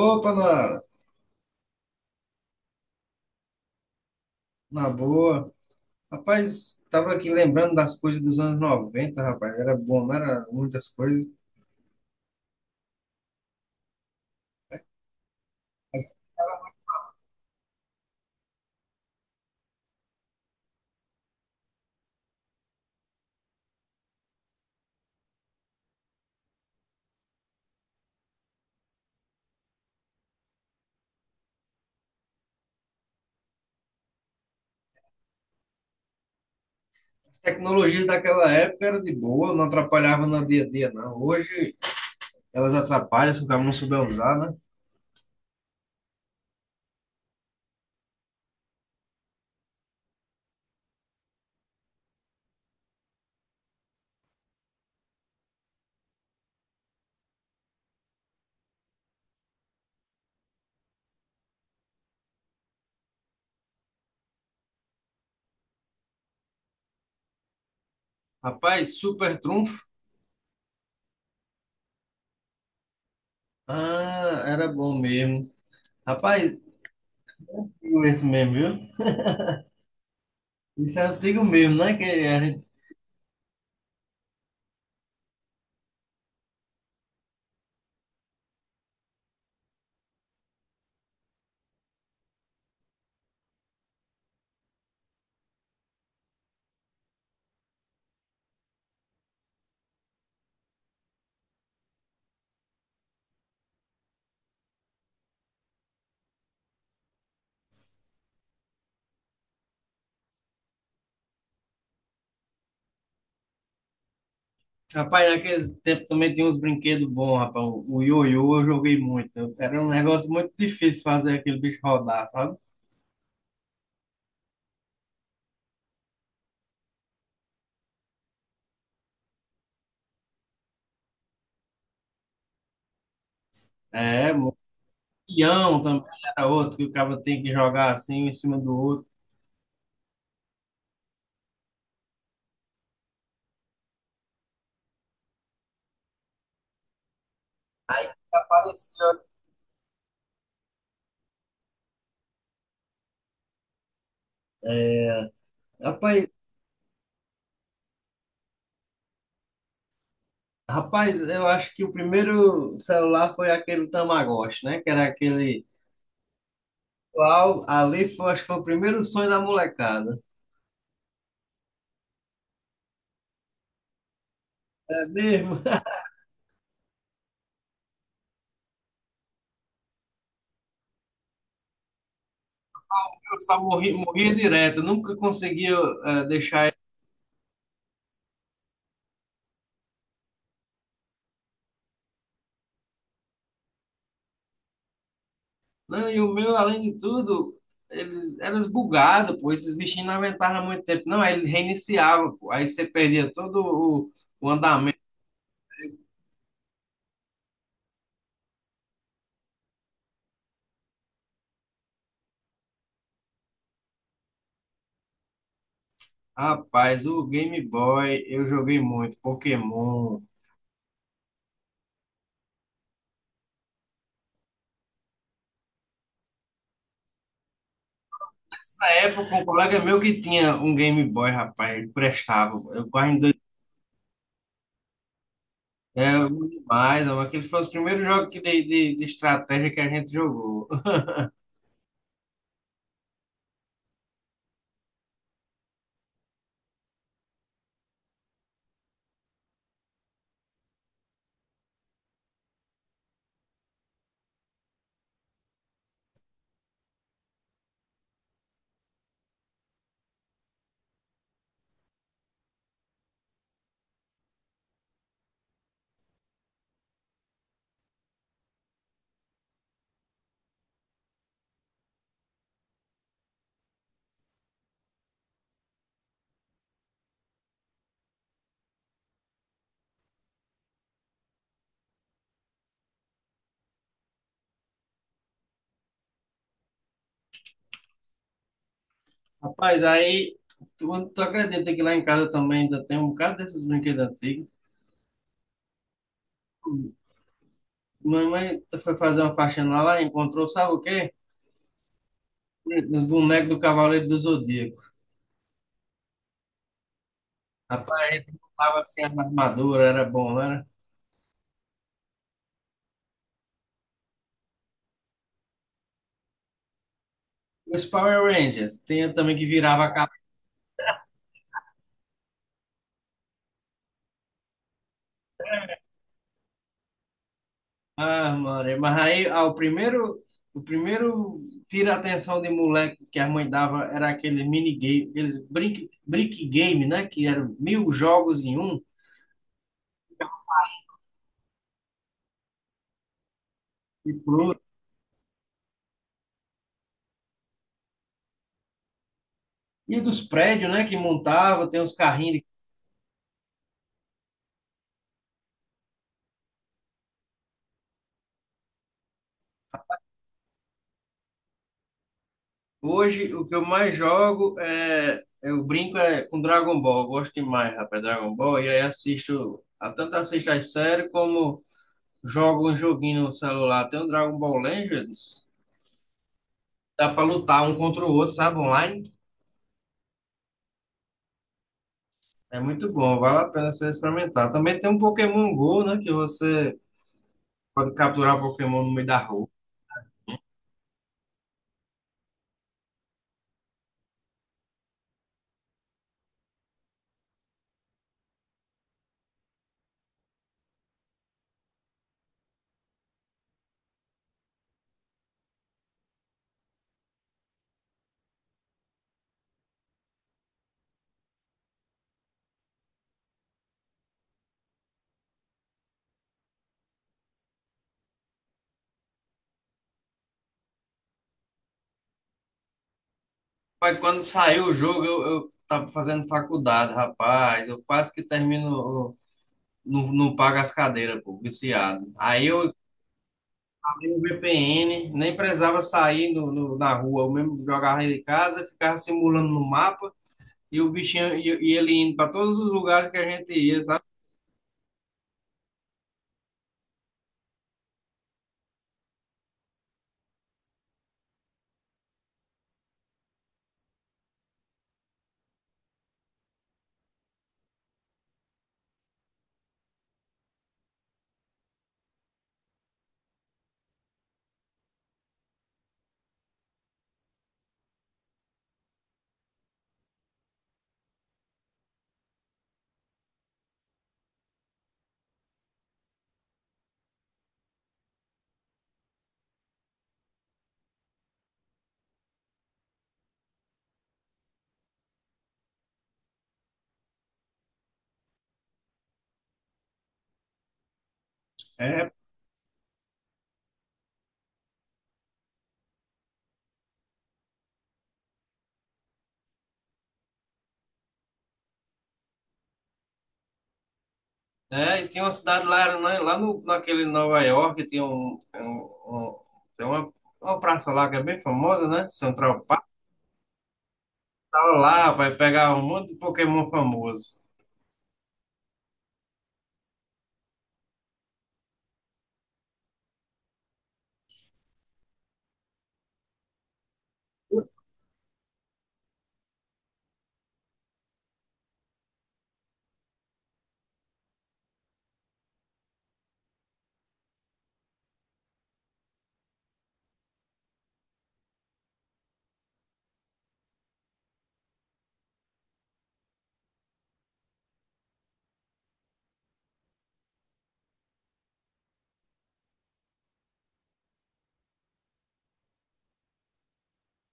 Opa, na boa. Rapaz, tava aqui lembrando das coisas dos anos 90, rapaz. Era bom, não era muitas coisas. As tecnologias daquela época eram de boa, não atrapalhavam no dia a dia, não. Hoje elas atrapalham se o cara não souber usar, né? Rapaz, super trunfo. Ah, era bom mesmo. Rapaz, antigo esse mesmo, viu? Isso é antigo mesmo, né? Que a gente... Rapaz, naquele tempo também tinha uns brinquedos bons, rapaz. O ioiô eu joguei muito. Era um negócio muito difícil fazer aquele bicho rodar, sabe? É, o peão também era outro que o cara tem que jogar assim um em cima do outro. Apareceu. É, rapaz, rapaz, eu acho que o primeiro celular foi aquele Tamagotchi, né? Que era aquele. Ali foi, acho que foi o primeiro sonho da molecada. É mesmo? Eu só morria direto, nunca conseguia deixar ele. Não, e o meu, além de tudo, eles eram bugados, pô. Esses bichinhos não aguentavam muito tempo. Não, aí ele reiniciava, pô. Aí você perdia todo o andamento. Rapaz, o Game Boy eu joguei muito, Pokémon. Nessa época, um colega meu que tinha um Game Boy, rapaz, ele prestava. Eu quase em dois. É, eu lembro demais, mas aquele foi os primeiros jogos que de estratégia que a gente jogou. Rapaz, aí tu acredita que lá em casa também ainda tem um bocado desses brinquedos antigos. Mamãe foi fazer uma faxina lá, encontrou, sabe o quê? Os bonecos do Cavaleiro do Zodíaco. Rapaz, a gente montava assim as armaduras, era bom, né? Os Power Rangers. Tem também que virava a capa. Ah, mano. Mas aí, ah, o primeiro. O primeiro tira a atenção de moleque que a mãe dava era aquele minigame, aqueles brick game, né? Que eram mil jogos em um. E, pro- e dos prédios, né? Que montava, tem uns carrinhos. Hoje, o que eu mais jogo é. Eu brinco é, com Dragon Ball. Eu gosto demais, rapaz, Dragon Ball. E aí assisto. Tanto assisto as séries como jogo um joguinho no celular. Tem o Dragon Ball Legends. Dá pra lutar um contra o outro, sabe? Online. É muito bom, vale a pena você experimentar. Também tem um Pokémon Go, né? Que você pode capturar Pokémon no meio da rua. Mas quando saiu o jogo, eu tava fazendo faculdade, rapaz. Eu quase que termino. Não, não pago as cadeiras, pô, viciado. Aí eu abri o VPN, nem precisava sair na rua. Eu mesmo jogava em casa, ficava simulando no mapa e o bichinho e ele indo para todos os lugares que a gente ia, sabe? É e tinha uma cidade lá, né, lá no, naquele Nova York, tinha um- tem uma praça lá que é bem famosa, né? Central Park, tava lá, vai pegar um monte de Pokémon famoso.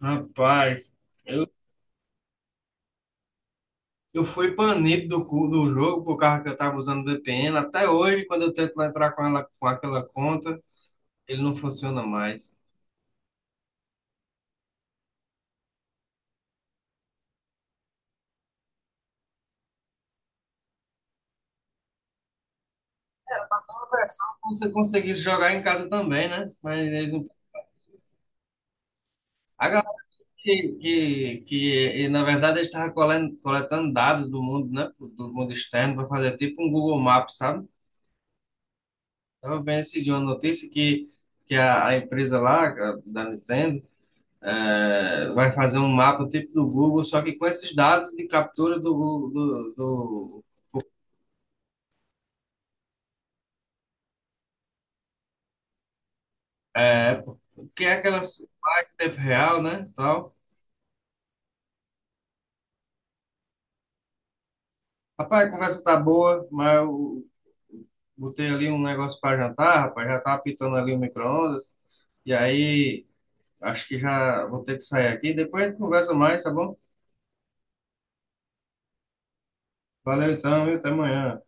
Rapaz, eu, eu fui banido do jogo por causa que eu tava usando VPN. Até hoje, quando eu tento entrar com ela, com aquela conta, ele não funciona mais. A versão que você conseguisse jogar em casa também, né? Mas eles não... A que, e, na verdade, ele estava coletando dados do mundo, né? Do mundo externo, para fazer tipo um Google Maps, sabe? Eu vendo esse dia uma notícia que a empresa lá, da Nintendo, vai fazer um mapa tipo do Google, só que com esses dados de captura do Google, é, porque é aquelas em tempo real, né? Tal. Rapaz, a conversa tá boa, mas eu botei ali um negócio para jantar, rapaz, já tá apitando ali o micro-ondas, e aí. Acho que já vou ter que sair aqui. Depois a gente conversa mais, tá bom? Valeu então, e até amanhã.